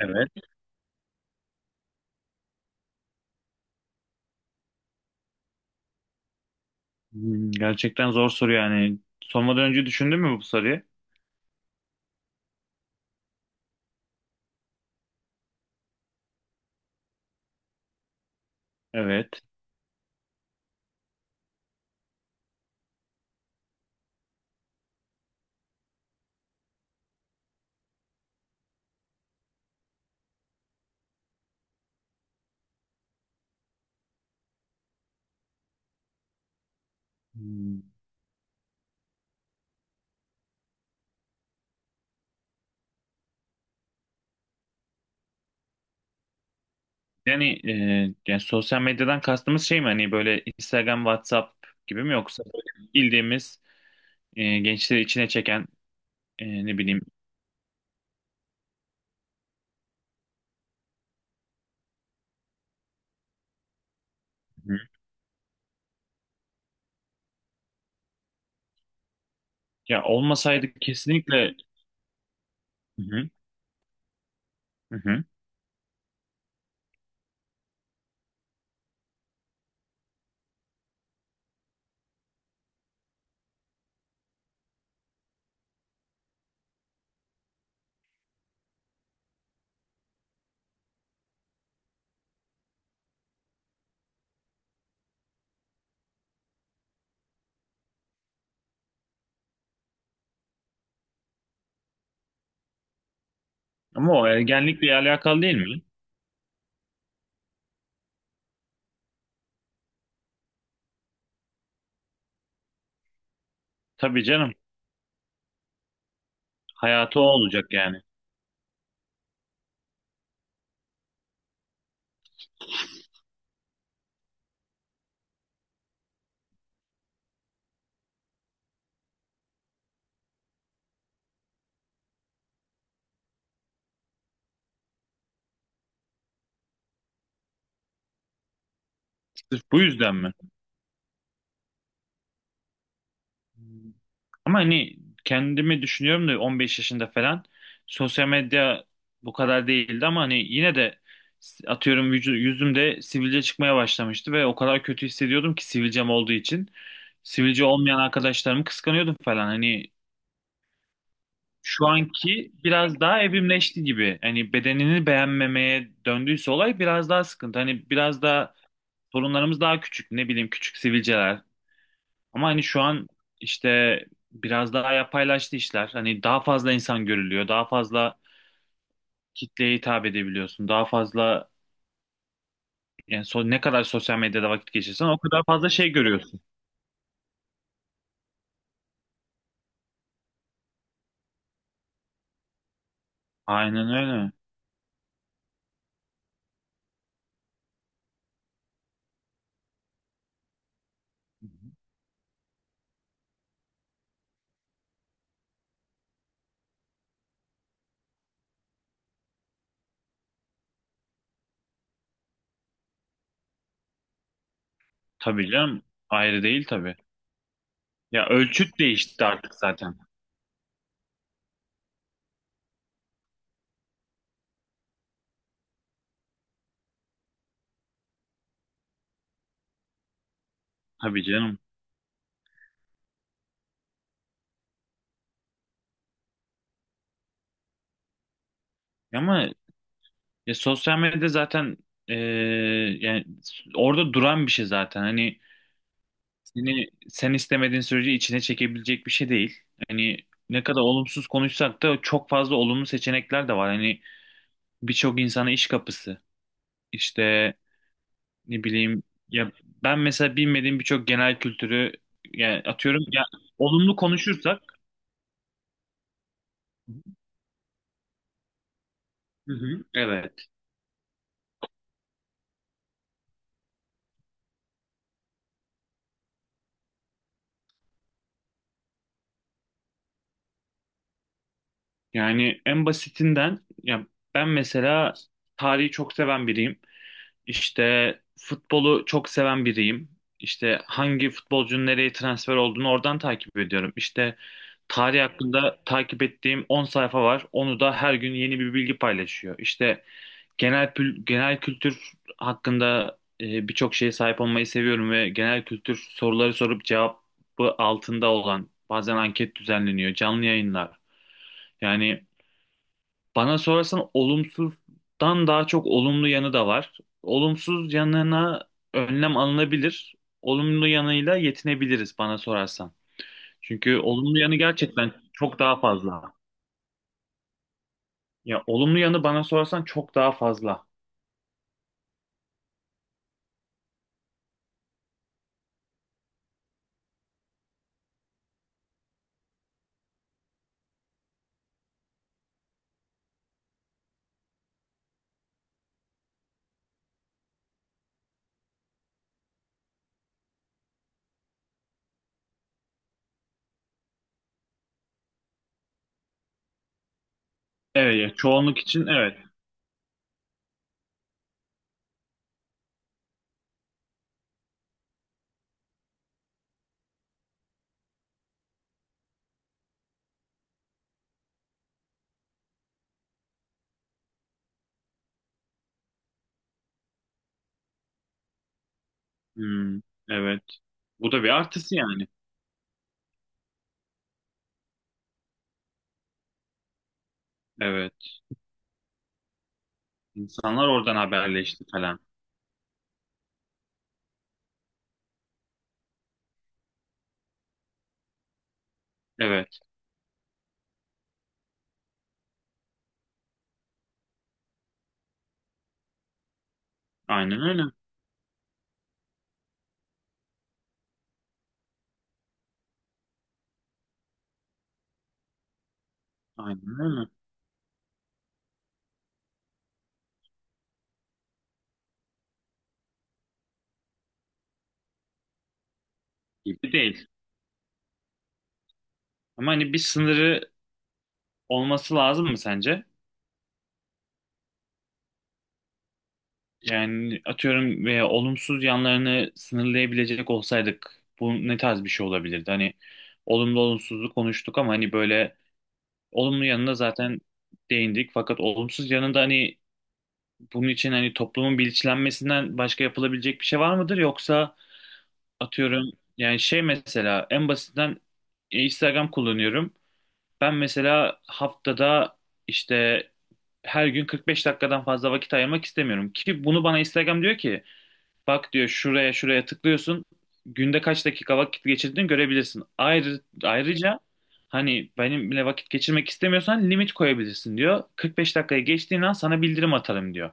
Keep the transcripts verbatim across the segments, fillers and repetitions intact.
Evet. Hmm, gerçekten zor soru yani. Sormadan önce düşündün mü bu soruyu? Evet. Hmm, Yani, e, yani sosyal medyadan kastımız şey mi hani böyle Instagram, WhatsApp gibi mi yoksa böyle bildiğimiz e, gençleri içine çeken e, ne bileyim. Hı. Ya olmasaydı, kesinlikle. Hı hı. Hı. Ama o ergenlikle alakalı değil mi? Tabii canım. Hayatı o olacak yani. Sırf bu yüzden mi? Ama hani kendimi düşünüyorum da on beş yaşında falan sosyal medya bu kadar değildi, ama hani yine de s- atıyorum vücu- yüzümde sivilce çıkmaya başlamıştı ve o kadar kötü hissediyordum ki sivilcem olduğu için. Sivilce olmayan arkadaşlarımı kıskanıyordum falan. Hani şu anki biraz daha evrimleşti gibi. Hani bedenini beğenmemeye döndüyse olay biraz daha sıkıntı. Hani biraz daha sorunlarımız daha küçük. Ne bileyim, küçük sivilceler, ama hani şu an işte biraz daha yapaylaştı işler. Hani daha fazla insan görülüyor. Daha fazla kitleye hitap edebiliyorsun. Daha fazla, yani so- ne kadar sosyal medyada vakit geçirsen o kadar fazla şey görüyorsun. Aynen öyle. Tabii canım. Ayrı değil tabii. Ya ölçüt değişti artık zaten. Tabii canım. Ama ya sosyal medya zaten, eee, yani s- orada duran bir şey zaten. Hani seni, sen istemediğin sürece içine çekebilecek bir şey değil. Hani ne kadar olumsuz konuşsak da çok fazla olumlu seçenekler de var. Hani birçok insana iş kapısı. İşte ne bileyim, ya ben mesela bilmediğim birçok genel kültürü, yani atıyorum ya, olumlu konuşursak. Hı hı, evet. Yani en basitinden, ya ben mesela tarihi çok seven biriyim. İşte futbolu çok seven biriyim. İşte hangi futbolcunun nereye transfer olduğunu oradan takip ediyorum. İşte tarih hakkında takip ettiğim on sayfa var. Onu da her gün yeni bir bilgi paylaşıyor. İşte genel pül- genel kültür hakkında e, birçok şeye sahip olmayı seviyorum ve genel kültür soruları sorup cevabı altında olan, bazen anket düzenleniyor, canlı yayınlar. Yani bana sorarsan olumsuzdan daha çok olumlu yanı da var. Olumsuz yanına önlem alınabilir. Olumlu yanıyla yetinebiliriz, bana sorarsan. Çünkü olumlu yanı gerçekten çok daha fazla. Ya olumlu yanı, bana sorarsan, çok daha fazla. Evet ya, çoğunluk için evet. Hmm, evet. Bu da bir artısı yani. Evet. İnsanlar oradan haberleşti falan. Evet. Aynen öyle. Aynen öyle. Gibi değil. Ama hani bir sınırı olması lazım mı sence? Yani atıyorum, veya olumsuz yanlarını sınırlayabilecek olsaydık bu ne tarz bir şey olabilirdi? Hani olumlu olumsuzluğu konuştuk ama hani böyle olumlu yanına zaten değindik. Fakat olumsuz yanında, hani bunun için hani toplumun bilinçlenmesinden başka yapılabilecek bir şey var mıdır? Yoksa atıyorum, yani şey mesela, en basitinden, e, Instagram kullanıyorum. Ben mesela haftada işte her gün kırk beş dakikadan fazla vakit ayırmak istemiyorum, ki bunu bana Instagram diyor ki, bak diyor, şuraya şuraya tıklıyorsun. Günde kaç dakika vakit geçirdiğini görebilirsin. Ayrı, ayrıca hani benimle vakit geçirmek istemiyorsan limit koyabilirsin diyor. kırk beş dakikaya geçtiğin an sana bildirim atarım diyor.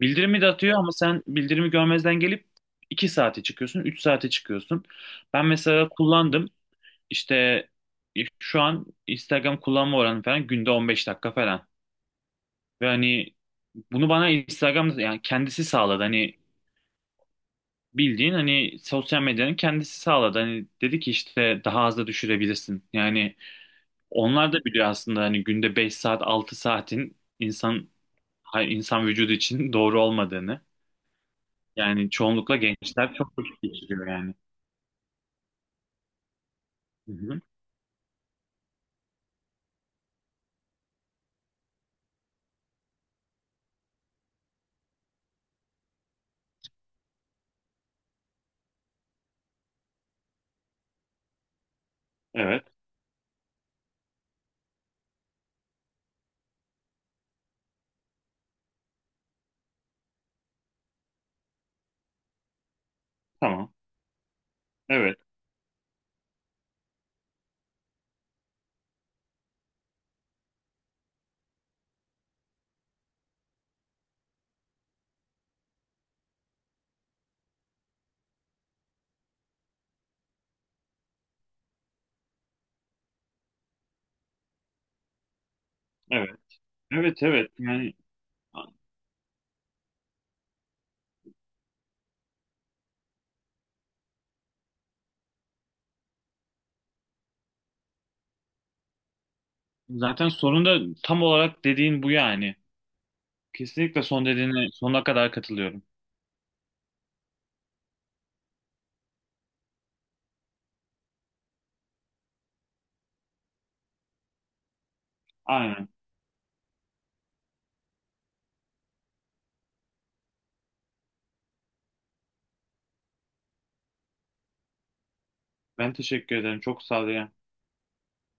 Bildirimi de atıyor ama sen bildirimi görmezden gelip iki saate çıkıyorsun, üç saate çıkıyorsun. Ben mesela kullandım. İşte e, şu an Instagram kullanma oranı falan günde on beş dakika falan. Ve hani bunu bana Instagram'da, yani kendisi sağladı. Hani bildiğin, hani sosyal medyanın kendisi sağladı. Hani dedi ki işte daha az da düşürebilirsin. Yani onlar da biliyor aslında hani günde beş saat altı saatin insan hay- insan vücudu için doğru olmadığını. Yani çoğunlukla gençler çok vakit geçiriyor yani. Hı hı. Evet, tamam. Evet, evet. Evet, evet. Yani zaten sorun da tam olarak dediğin bu yani. Kesinlikle son dediğine sonuna kadar katılıyorum. Aynen. Ben teşekkür ederim. Çok sağ ol.